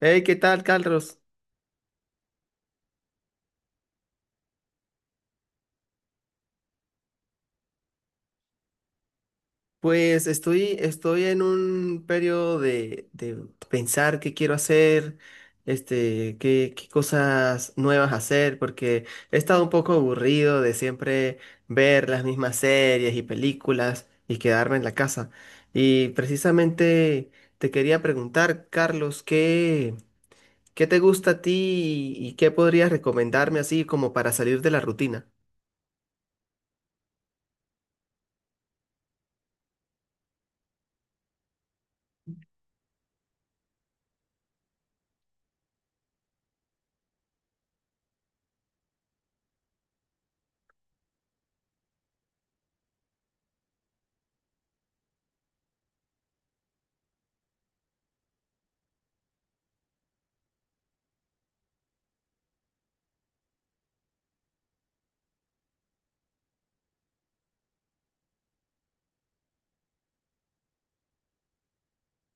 Hey, ¿qué tal, Carlos? Pues estoy en un periodo de pensar qué quiero hacer, este, qué, qué cosas nuevas hacer, porque he estado un poco aburrido de siempre ver las mismas series y películas y quedarme en la casa. Y precisamente te quería preguntar, Carlos, ¿qué, qué te gusta a ti y qué podrías recomendarme así como para salir de la rutina?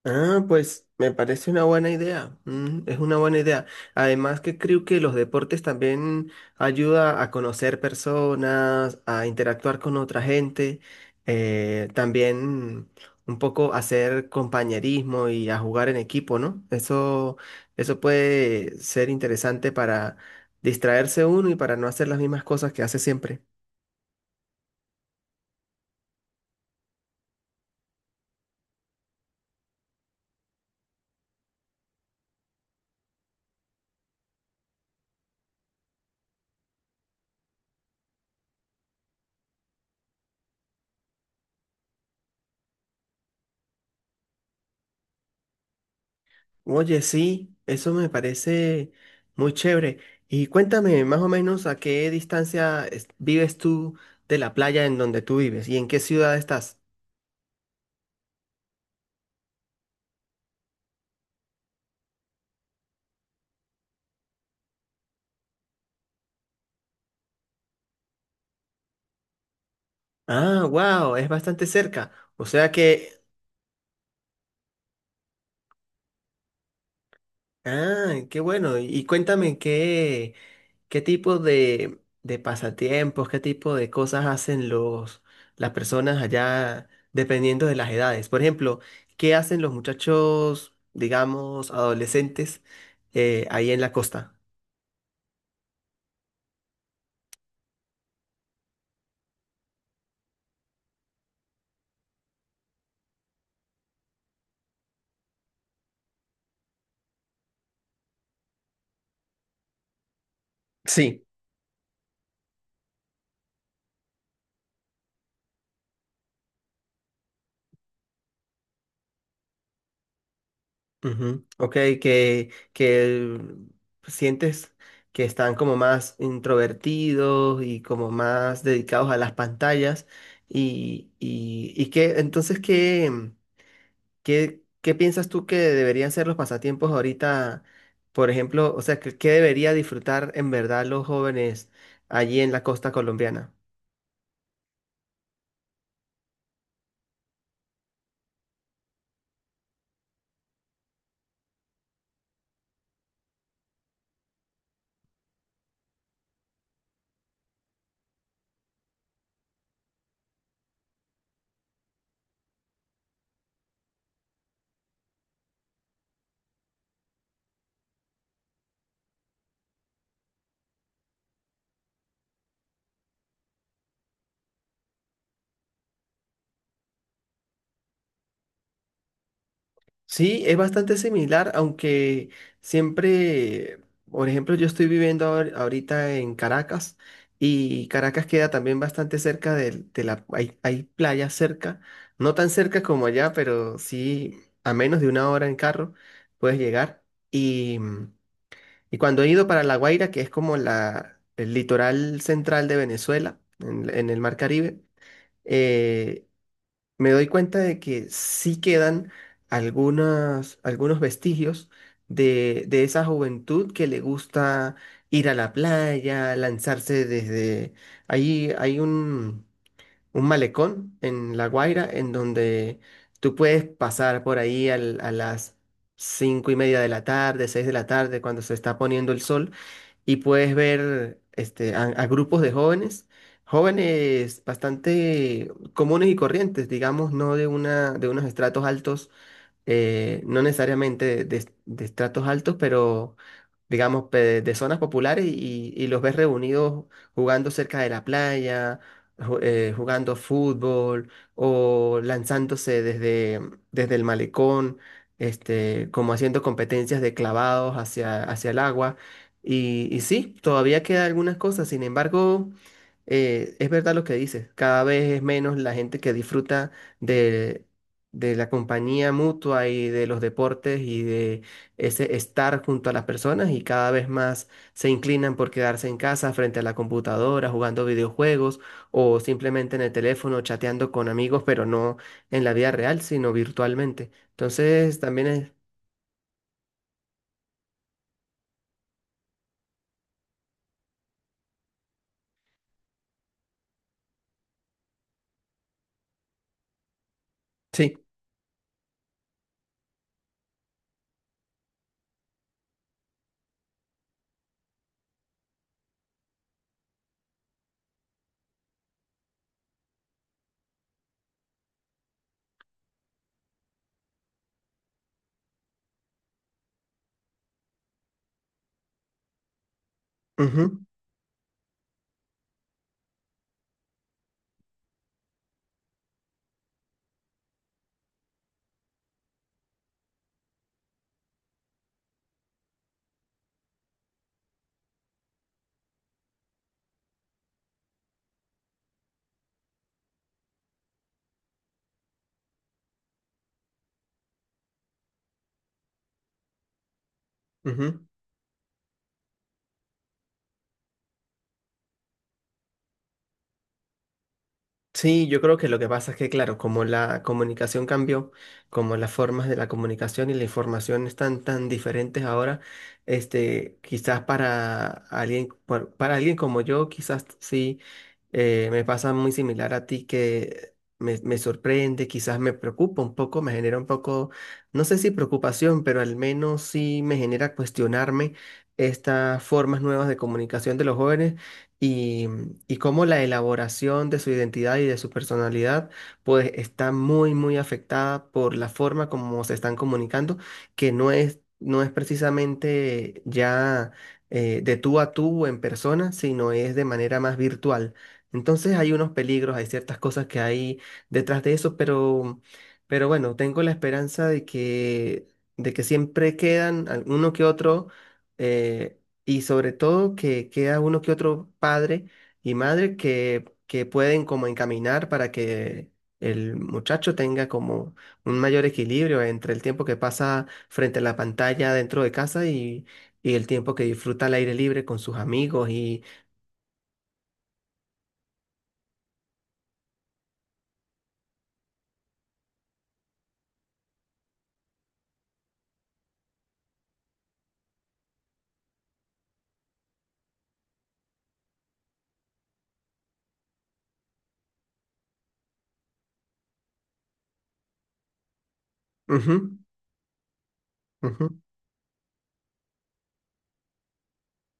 Ah, pues me parece una buena idea. Mm, es una buena idea. Además que creo que los deportes también ayuda a conocer personas, a interactuar con otra gente, también un poco hacer compañerismo y a jugar en equipo, ¿no? Eso puede ser interesante para distraerse uno y para no hacer las mismas cosas que hace siempre. Oye, sí, eso me parece muy chévere. Y cuéntame más o menos a qué distancia es- vives tú de la playa en donde tú vives y en qué ciudad estás. Ah, wow, es bastante cerca. O sea que, ah, qué bueno. Y cuéntame qué, ¿qué tipo de pasatiempos, qué tipo de cosas hacen los, las personas allá dependiendo de las edades? Por ejemplo, ¿qué hacen los muchachos, digamos, adolescentes, ahí en la costa? Sí, ujú, ok, que sientes que están como más introvertidos y como más dedicados a las pantallas y que entonces, ¿qué? ¿Qué, qué piensas tú que deberían ser los pasatiempos ahorita? Por ejemplo, o sea, ¿qué, qué debería disfrutar en verdad los jóvenes allí en la costa colombiana? Sí, es bastante similar, aunque siempre, por ejemplo, yo estoy viviendo ahor- ahorita en Caracas y Caracas queda también bastante cerca del- de, la... Hay playas cerca, no tan cerca como allá, pero sí a menos de una hora en carro puedes llegar. Y cuando he ido para La Guaira, que es como la, el litoral central de Venezuela, en el Mar Caribe, eh, me doy cuenta de que sí quedan algunos, algunos vestigios de esa juventud que le gusta ir a la playa, lanzarse desde... Ahí hay un malecón en La Guaira en donde tú puedes pasar por ahí al- a las cinco y media de la tarde, seis de la tarde, cuando se está poniendo el sol y puedes ver este, a grupos de jóvenes, jóvenes bastante comunes y corrientes, digamos, no de una, de unos estratos altos, no necesariamente de estratos altos, pero digamos, pe- de zonas populares y los ves reunidos jugando cerca de la playa, ju- jugando fútbol o lanzándose desde, desde el malecón, este, como haciendo competencias de clavados hacia, hacia el agua. Y sí, todavía quedan algunas cosas, sin embargo es verdad lo que dices, cada vez es menos la gente que disfruta de, de la compañía mutua y de los deportes y de ese estar junto a las personas y cada vez más se inclinan por quedarse en casa frente a la computadora, jugando videojuegos o simplemente en el teléfono chateando con amigos, pero no en la vida real, sino virtualmente. Entonces, también es... Sí. Ujú, ujú. Sí, yo creo que lo que pasa es que, claro, como la comunicación cambió, como las formas de la comunicación y la información están tan diferentes ahora, este, quizás para alguien, por- para alguien como yo, quizás sí, me pasa muy similar a ti que me sorprende, quizás me preocupa un poco, me genera un poco, no sé si preocupación, pero al menos sí me genera cuestionarme estas formas nuevas de comunicación de los jóvenes y, y cómo la elaboración de su identidad y de su personalidad pues está muy afectada por la forma como se están comunicando, que no es, no es precisamente ya de tú a tú en persona, sino es de manera más virtual. Entonces hay unos peligros, hay ciertas cosas que hay detrás de eso, pero bueno, tengo la esperanza de que siempre quedan alguno que otro, eh, y sobre todo que queda uno que otro padre y madre que pueden como encaminar para que el muchacho tenga como un mayor equilibrio entre el tiempo que pasa frente a la pantalla dentro de casa y el tiempo que disfruta al aire libre con sus amigos y... Ujú, ujú.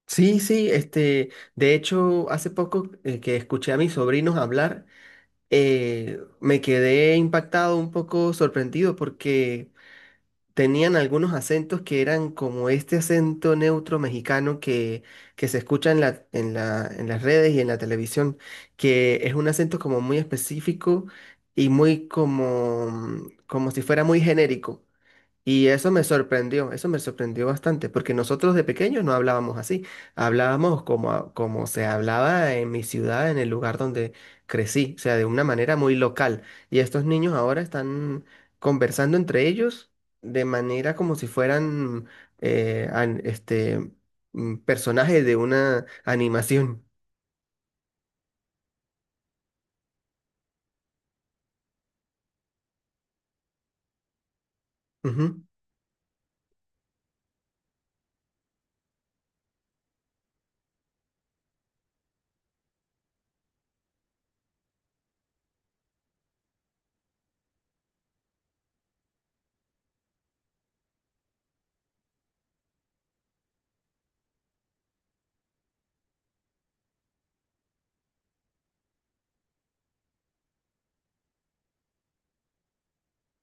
Sí, sí, este, de hecho, hace poco que escuché a mis sobrinos hablar, me quedé impactado, un poco sorprendido porque tenían algunos acentos que eran como este acento neutro mexicano que se escucha en la, en la, en las redes y en la televisión, que es un acento como muy específico y muy como, como si fuera muy genérico. Y eso me sorprendió bastante, porque nosotros de pequeños no hablábamos así, hablábamos como, a- como se hablaba en mi ciudad, en el lugar donde crecí, o sea, de una manera muy local. Y estos niños ahora están conversando entre ellos de manera como si fueran eh, an- este, personajes de una animación.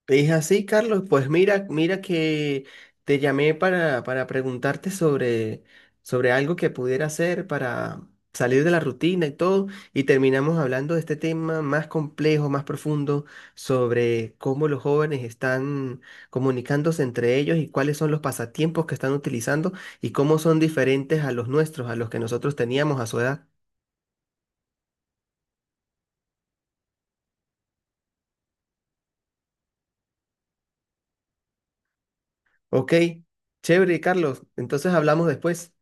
Te dije así, Carlos. Pues mira, mira que te llamé para preguntarte sobre, sobre algo que pudiera hacer para salir de la rutina y todo, y terminamos hablando de este tema más complejo, más profundo, sobre cómo los jóvenes están comunicándose entre ellos y cuáles son los pasatiempos que están utilizando y cómo son diferentes a los nuestros, a los que nosotros teníamos a su edad. Ok, chévere, Carlos. Entonces hablamos después.